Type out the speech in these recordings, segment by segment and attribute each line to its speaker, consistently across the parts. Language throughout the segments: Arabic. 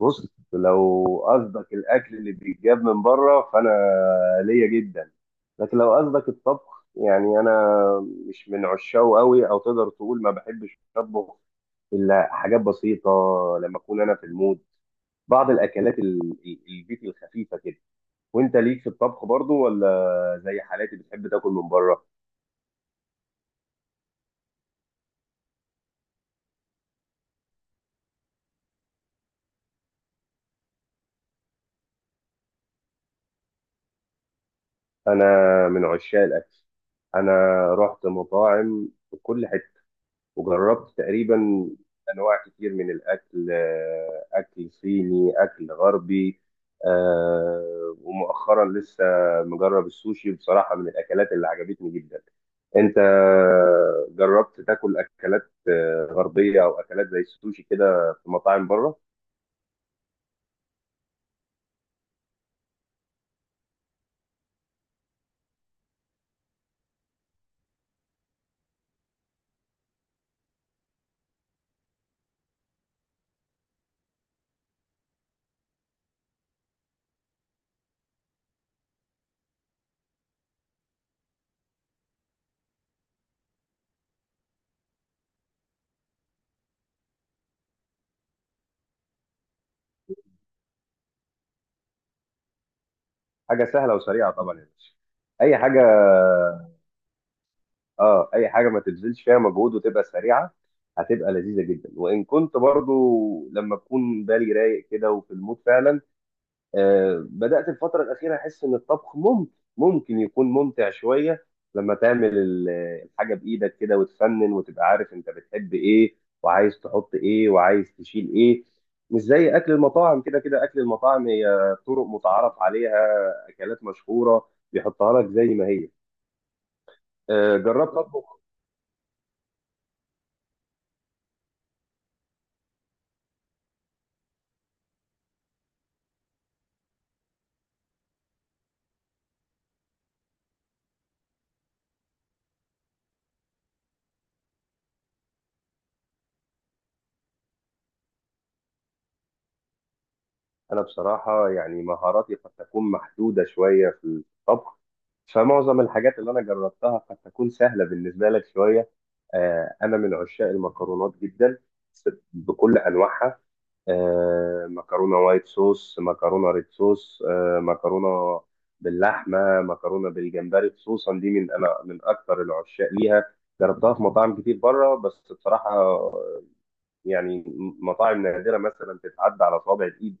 Speaker 1: بص. لو قصدك الاكل اللي بيتجاب من بره فانا ليا جدا. لكن لو قصدك الطبخ، يعني انا مش من عشاقه قوي، او تقدر تقول ما بحبش اطبخ الا حاجات بسيطه لما اكون انا في المود. بعض الاكلات البيتي الخفيفه كده. وانت ليك في الطبخ برضو ولا زي حالاتي بتحب تاكل من بره؟ انا من عشاق الاكل. انا رحت مطاعم في كل حته وجربت تقريبا انواع كتير من الاكل. اكل صيني، اكل غربي. ومؤخرا لسه مجرب السوشي، بصراحه من الاكلات اللي عجبتني جدا. انت جربت تاكل اكلات غربيه او اكلات زي السوشي كده في مطاعم بره؟ حاجه سهله وسريعه طبعا يا باشا، اي حاجه. اه اي حاجه ما تبذلش فيها مجهود وتبقى سريعه هتبقى لذيذه جدا. وان كنت برضو لما بكون بالي رايق كده وفي المود فعلا، بدات الفتره الاخيره احس ان الطبخ ممكن يكون ممتع شويه لما تعمل الحاجه بايدك كده وتفنن وتبقى عارف انت بتحب ايه وعايز تحط ايه وعايز تشيل ايه. مش زي اكل المطاعم كده. كده اكل المطاعم هي طرق متعارف عليها، اكلات مشهوره بيحطها لك زي ما هي. جربت اطبخ. انا بصراحه يعني مهاراتي قد تكون محدوده شويه في الطبخ، فمعظم الحاجات اللي انا جربتها قد تكون سهله بالنسبه لك شويه. انا من عشاق المكرونات جدا بكل انواعها. مكرونه وايت صوص، مكرونه ريد صوص، مكرونه باللحمه، مكرونه بالجمبري خصوصا دي. انا من اكثر العشاق ليها. جربتها في مطاعم كتير بره، بس بصراحه يعني مطاعم نادره مثلا تتعدى على صوابع الايد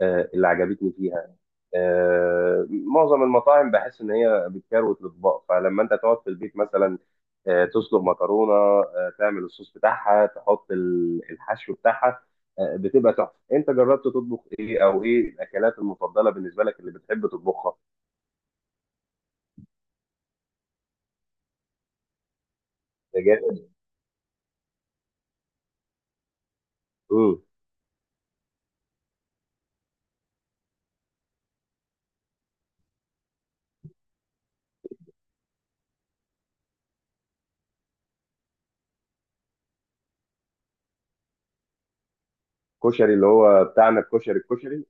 Speaker 1: اللي عجبتني فيها. معظم المطاعم بحس ان هي بتكروت الاطباق، فلما انت تقعد في البيت مثلا تسلق مكرونه، تعمل الصوص بتاعها، تحط الحشو بتاعها، بتبقى تحفه. انت جربت تطبخ ايه او ايه الاكلات المفضله بالنسبه لك اللي بتحب تطبخها؟ يا جامد. مم. كشري اللي هو بتاعنا، الكشري، الكشري.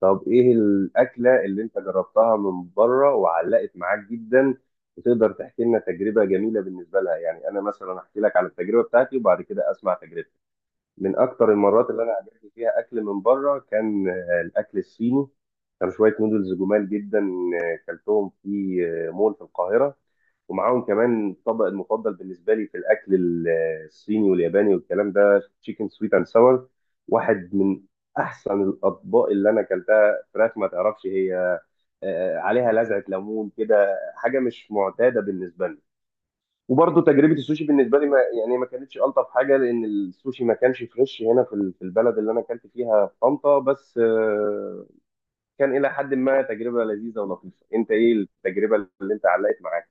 Speaker 1: طب ايه الاكله اللي انت جربتها من بره وعلقت معاك جدا وتقدر تحكي لنا تجربه جميله بالنسبه لها؟ يعني انا مثلا احكي لك على التجربه بتاعتي، وبعد كده اسمع تجربتك. من اكتر المرات اللي انا عجبني فيها اكل من بره كان الاكل الصيني. كانوا شويه نودلز جمال جدا، كلتهم في مول في القاهره، ومعاهم كمان الطبق المفضل بالنسبه لي في الاكل الصيني والياباني والكلام ده، تشيكن سويت اند ساور. واحد من احسن الاطباق اللي انا اكلتها. فراخ ما تعرفش هي، عليها لذعه ليمون كده، حاجه مش معتاده بالنسبه لي. وبرضه تجربه السوشي بالنسبه لي، ما كانتش الطف حاجه، لان السوشي ما كانش فريش هنا في في البلد اللي انا اكلت فيها في طنطا، بس كان الى حد ما تجربه لذيذه ولطيفه. انت ايه التجربه اللي انت علقت معاك؟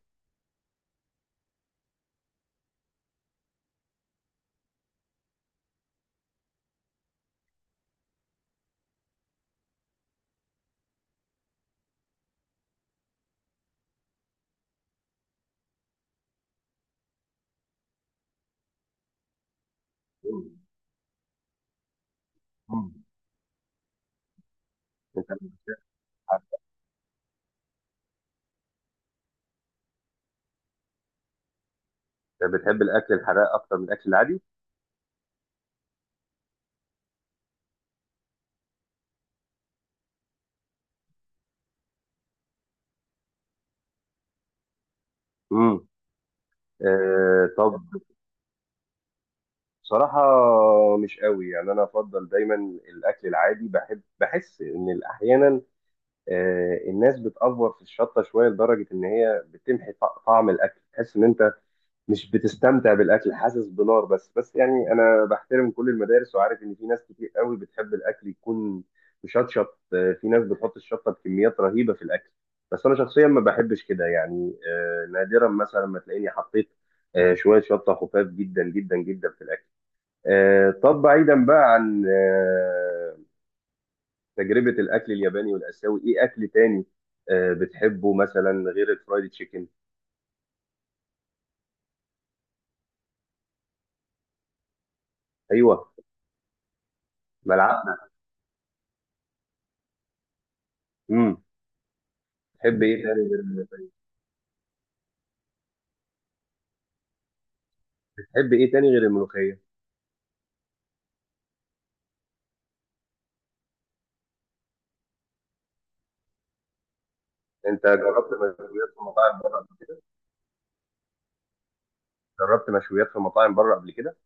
Speaker 1: مم. مم. انت بتحب الاكل الحراق اكتر من الاكل العادي؟ امم. طب بصراحه مش قوي، يعني انا افضل دايما الاكل العادي. بحس ان احيانا الناس بتأفور في الشطه شويه لدرجه ان هي بتمحي طعم الاكل، تحس ان انت مش بتستمتع بالاكل، حاسس بنار بس. يعني انا بحترم كل المدارس وعارف ان في ناس كتير قوي بتحب الاكل يكون مشطشط، في ناس بتحط الشطه بكميات رهيبه في الاكل. بس انا شخصيا ما بحبش كده، يعني نادرا مثلا ما تلاقيني حطيت شويه شطه خفاف جدا جدا جدا في الاكل. طب بعيدا بقى عن تجربه الاكل الياباني والاسيوي، ايه اكل تاني بتحبه مثلا غير الفرايد تشيكن؟ ايوه. ملعقنا. امم. تحب ايه تاني غير تحب ايه تاني غير الملوخيه؟ انت جربت مشويات في مطاعم بره قبل كده جربت مشويات في مطاعم بره قبل كده؟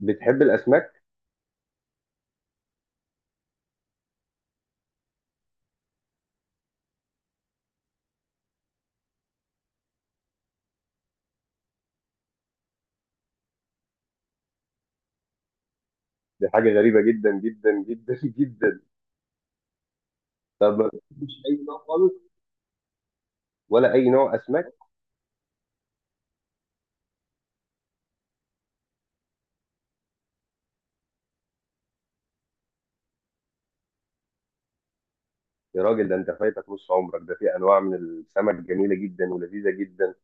Speaker 1: بتحب الاسماك؟ دي حاجه غريبه جدا جدا جدا جدا. طب ما بتحبش اي نوع خالص ولا اي نوع اسماك؟ يا راجل، ده انت فايتك نص عمرك. ده في انواع من السمك جميله جدا ولذيذه جدا.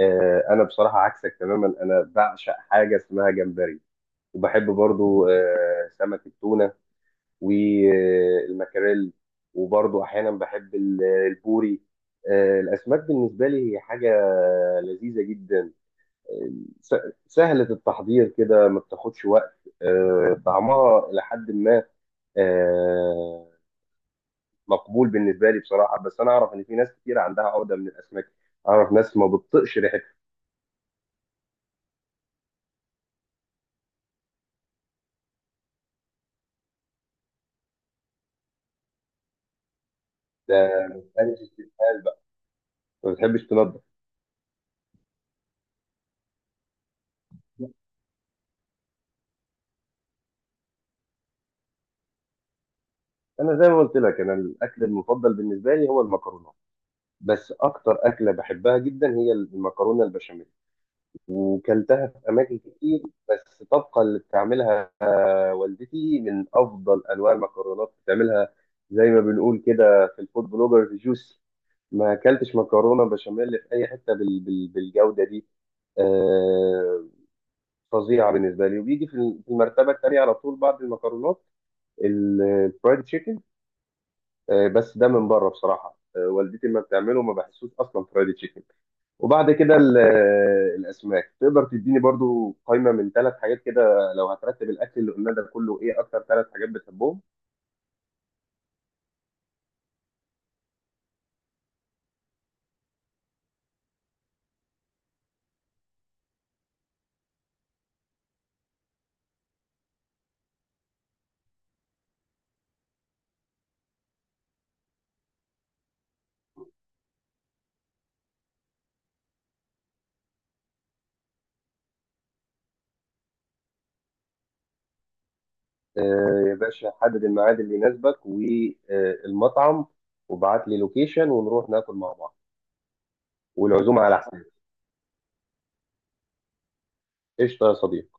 Speaker 1: انا بصراحه عكسك تماما، انا بعشق حاجه اسمها جمبري. وبحب برضو سمك التونه والمكاريل، وبرضو احيانا بحب البوري. الاسماك بالنسبه لي هي حاجه لذيذه جدا، آه، س- سهله التحضير كده، ما بتاخدش وقت، طعمها الى حد ما آه، مقبول بالنسبه لي بصراحه. بس انا اعرف ان في ناس كتير عندها عقده من الاسماك، اعرف ناس ما بتطقش ريحتها. ده ما بتحبش استسهال بقى، ما بتحبش تنضف. انا زي ما قلت لك، انا الاكل المفضل بالنسبه لي هو المكرونه، بس اكتر اكله بحبها جدا هي المكرونه البشاميل، وكلتها في اماكن كتير، بس طبقا اللي بتعملها والدتي من افضل انواع المكرونات بتعملها. زي ما بنقول كده في الفود بلوجرز: جوسي. ما اكلتش مكرونه بشاميل في اي حته بالجوده دي. آه، فظيعه بالنسبه لي، وبيجي في في المرتبه الثانيه على طول بعد المكرونات الفرايد تشيكن. بس ده من بره بصراحه، والدتي لما بتعمله ما بحسوش اصلا فرايد تشيكن. وبعد كده الاسماك. تقدر تديني برضو قائمه من ثلاث حاجات كده لو هترتب الاكل اللي قلنا ده كله؟ ايه اكتر ثلاث حاجات بتحبهم؟ يا باشا، حدد الميعاد اللي يناسبك والمطعم، وابعت لي لوكيشن ونروح ناكل مع بعض. والعزومه على حسابي. قشطه يا صديقي.